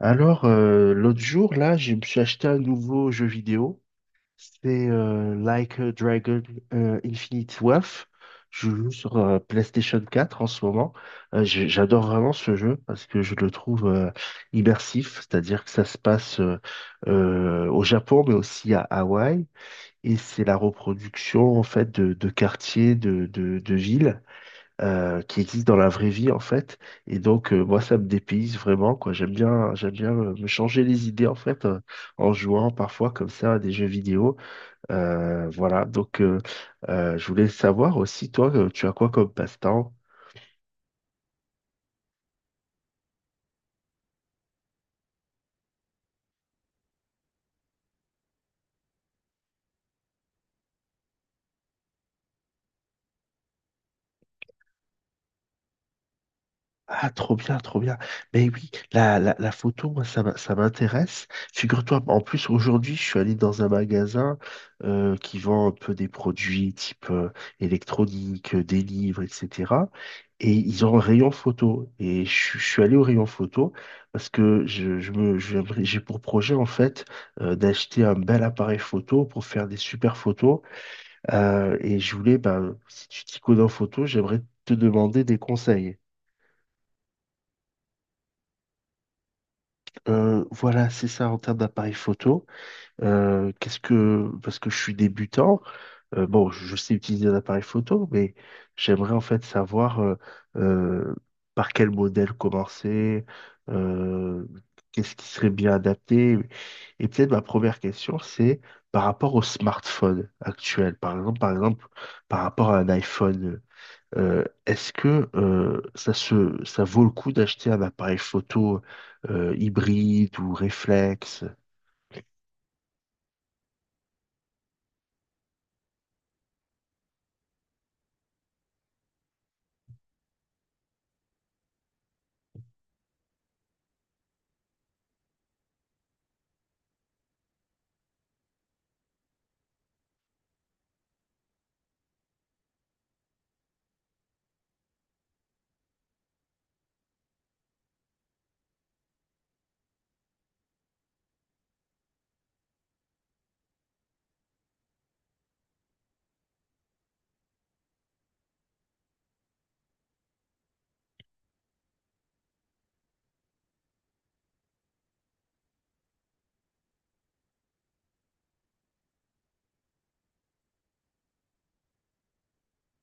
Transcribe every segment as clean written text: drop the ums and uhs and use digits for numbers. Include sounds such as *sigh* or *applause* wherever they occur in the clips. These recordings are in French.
L'autre jour, là, je me suis acheté un nouveau jeu vidéo. C'est Like a Dragon Infinite Wealth. Je joue sur PlayStation 4 en ce moment. J'adore vraiment ce jeu parce que je le trouve immersif, c'est-à-dire que ça se passe au Japon, mais aussi à Hawaï. Et c'est la reproduction, en fait, de quartiers, de villes qui existent dans la vraie vie en fait. Et donc moi ça me dépayse vraiment quoi. J'aime bien me changer les idées en fait en jouant parfois comme ça à des jeux vidéo. Voilà donc, je voulais savoir aussi toi tu as quoi comme passe-temps? Ah, trop bien, trop bien. Mais oui, la photo, moi, ça m'intéresse. Figure-toi, en plus, aujourd'hui, je suis allé dans un magasin qui vend un peu des produits type électronique, des livres, etc. Et ils ont un rayon photo. Et je suis allé au rayon photo parce que j'ai pour projet, en fait, d'acheter un bel appareil photo pour faire des super photos. Et je voulais, ben, si tu t'y connais en photo, j'aimerais te demander des conseils. Voilà, c'est ça en termes d'appareil photo. Parce que je suis débutant, bon, je sais utiliser un appareil photo, mais j'aimerais en fait savoir euh, par quel modèle commencer, euh, qu'est-ce qui serait bien adapté. Et peut-être ma première question, c'est par rapport au smartphone actuel, par exemple, par rapport à un iPhone. Est-ce que ça se, ça vaut le coup d'acheter un appareil photo hybride ou réflexe?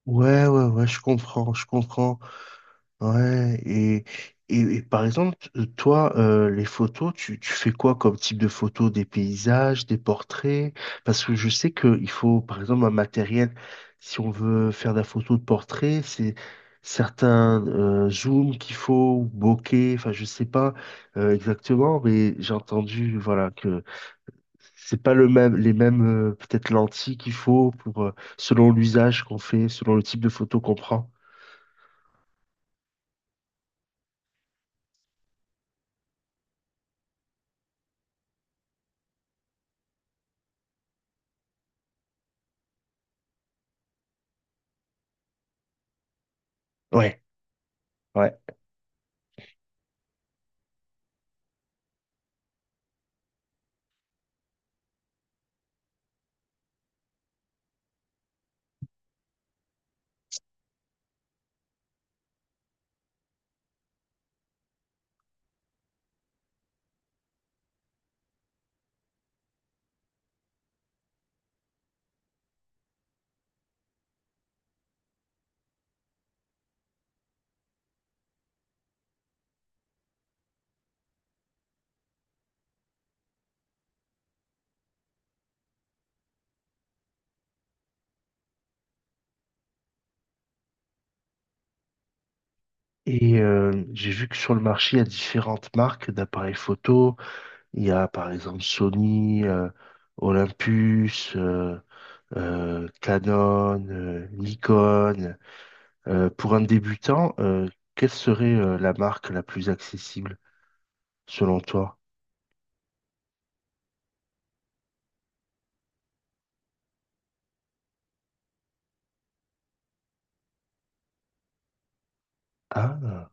Ouais, ouais, ouais, je comprends, je comprends. Ouais, et par exemple, toi, les photos, tu fais quoi comme type de photos? Des paysages, des portraits? Parce que je sais qu'il faut, par exemple, un matériel, si on veut faire de la photo de portrait, c'est certains zooms qu'il faut, ou bokeh, enfin, je sais pas exactement, mais j'ai entendu, voilà, que c'est pas le même, les mêmes, peut-être lentilles qu'il faut pour, selon l'usage qu'on fait, selon le type de photo qu'on prend. Ouais, ouais. Et j'ai vu que sur le marché, il y a différentes marques d'appareils photo. Il y a par exemple Sony, Olympus, Canon, Nikon. Pour un débutant, quelle serait la marque la plus accessible selon toi? Ah,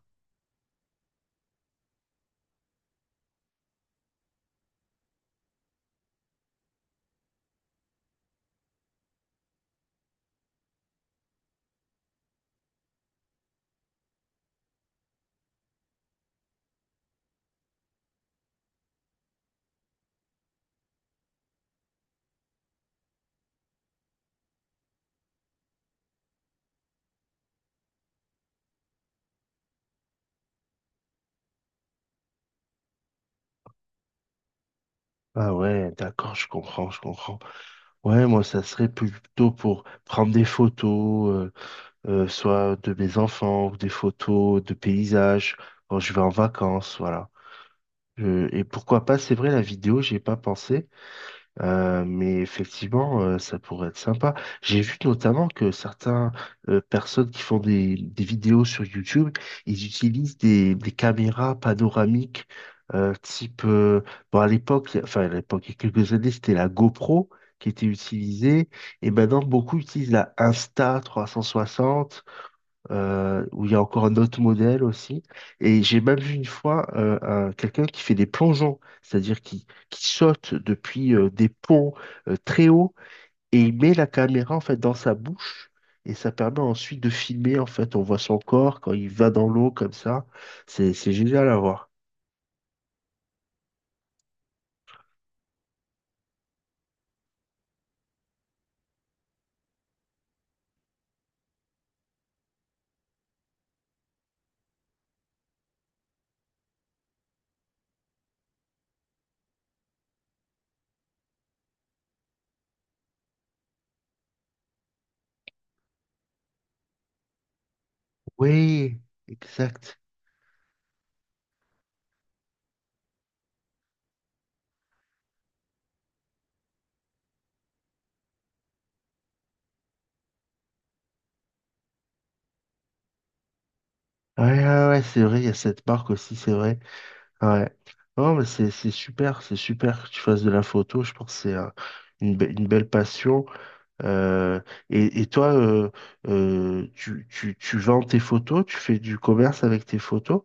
ah, ouais, d'accord, je comprends, je comprends. Ouais, moi, ça serait plutôt pour prendre des photos, soit de mes enfants, ou des photos de paysages, quand je vais en vacances, voilà. Et pourquoi pas, c'est vrai, la vidéo, j'y ai pas pensé, mais effectivement, ça pourrait être sympa. J'ai vu notamment que certaines personnes qui font des vidéos sur YouTube, ils utilisent des caméras panoramiques type, bon, à l'époque, il y a- enfin à l'époque, il y a quelques années, c'était la GoPro qui était utilisée. Et maintenant, beaucoup utilisent la Insta360 où il y a encore un autre modèle aussi. Et j'ai même vu une fois quelqu'un qui fait des plongeons, c'est-à-dire qui saute depuis des ponts très hauts et il met la caméra en fait dans sa bouche et ça permet ensuite de filmer en fait. On voit son corps quand il va dans l'eau comme ça. C'est génial à voir. Oui, exact. Ouais, ouais, ouais, c'est vrai, il y a cette marque aussi, c'est vrai. Ouais. Non, mais c'est super, c'est super que tu fasses de la photo. Je pense que c'est une belle passion. Euh, et toi, tu vends tes photos, tu fais du commerce avec tes photos?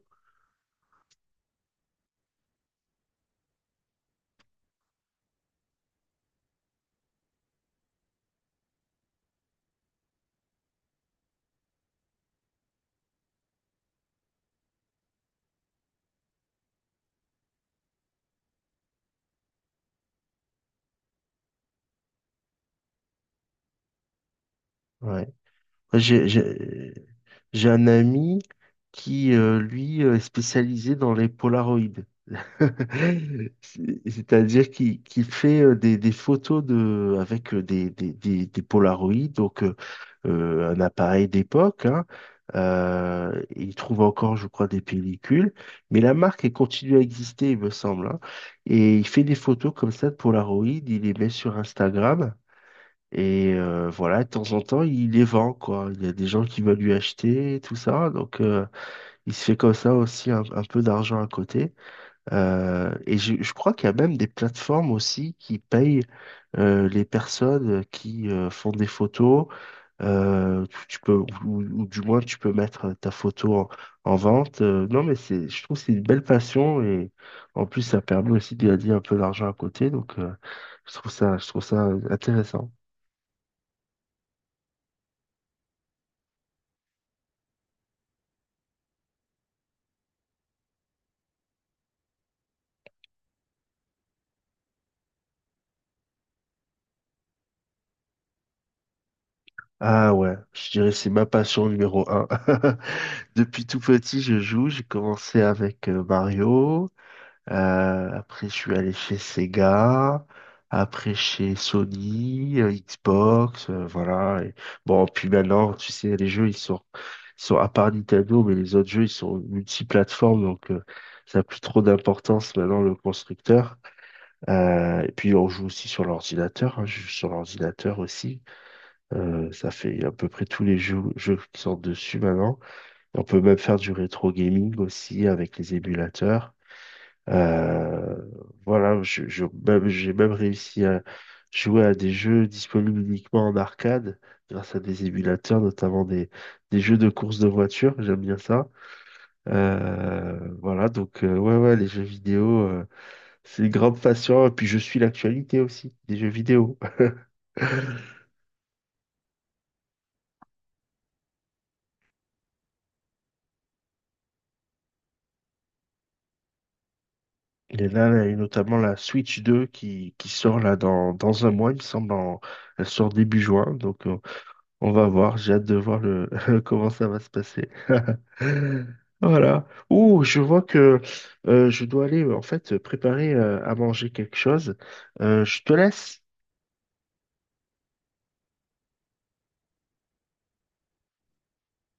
Ouais. Moi, J'ai, j'ai, j'ai un ami qui, est spécialisé dans les Polaroids. *laughs* C'est-à-dire qu'il fait des photos de, avec des Polaroids, donc un appareil d'époque, hein. Il trouve encore, je crois, des pellicules, mais la marque, elle continue à exister, il me semble, hein. Et il fait des photos comme ça de Polaroid, il les met sur Instagram. Et voilà, de temps en temps, il les vend, quoi. Il y a des gens qui veulent lui acheter, tout ça. Donc, il se fait comme ça aussi un peu d'argent à côté. Je crois qu'il y a même des plateformes aussi qui payent les personnes qui font des photos. Euh, tu, tu peux, ou du moins, tu peux mettre ta photo en vente. Non, mais c'est, je trouve que c'est une belle passion et en plus, ça permet aussi de gagner un peu d'argent à côté. Donc, je trouve ça intéressant. Ah ouais, je dirais que c'est ma passion numéro un. *laughs* Depuis tout petit, je joue. J'ai commencé avec Mario. Après, je suis allé chez Sega. Après, chez Sony, Xbox, voilà. Et bon, puis maintenant, tu sais, les jeux, ils sont à part Nintendo, mais les autres jeux, ils sont multiplateformes, donc ça n'a plus trop d'importance maintenant, le constructeur. Et puis, on joue aussi sur l'ordinateur, hein, je joue sur l'ordinateur aussi. Ça fait à peu près tous les jeux qui sortent dessus maintenant. Et on peut même faire du rétro gaming aussi avec les émulateurs. Euh, j'ai même réussi à jouer à des jeux disponibles uniquement en arcade, grâce à des émulateurs, notamment des jeux de course de voiture, j'aime bien ça. Ouais, ouais, les jeux vidéo, c'est une grande passion, et puis je suis l'actualité aussi des jeux vidéo. *laughs* Et là, il y a notamment la Switch 2 qui sort là dans un mois, il me semble, elle sort début juin, donc on va voir, j'ai hâte de voir le *laughs* comment ça va se passer. *laughs* Voilà. Ouh, je vois que je dois aller en fait préparer à manger quelque chose. Je te laisse.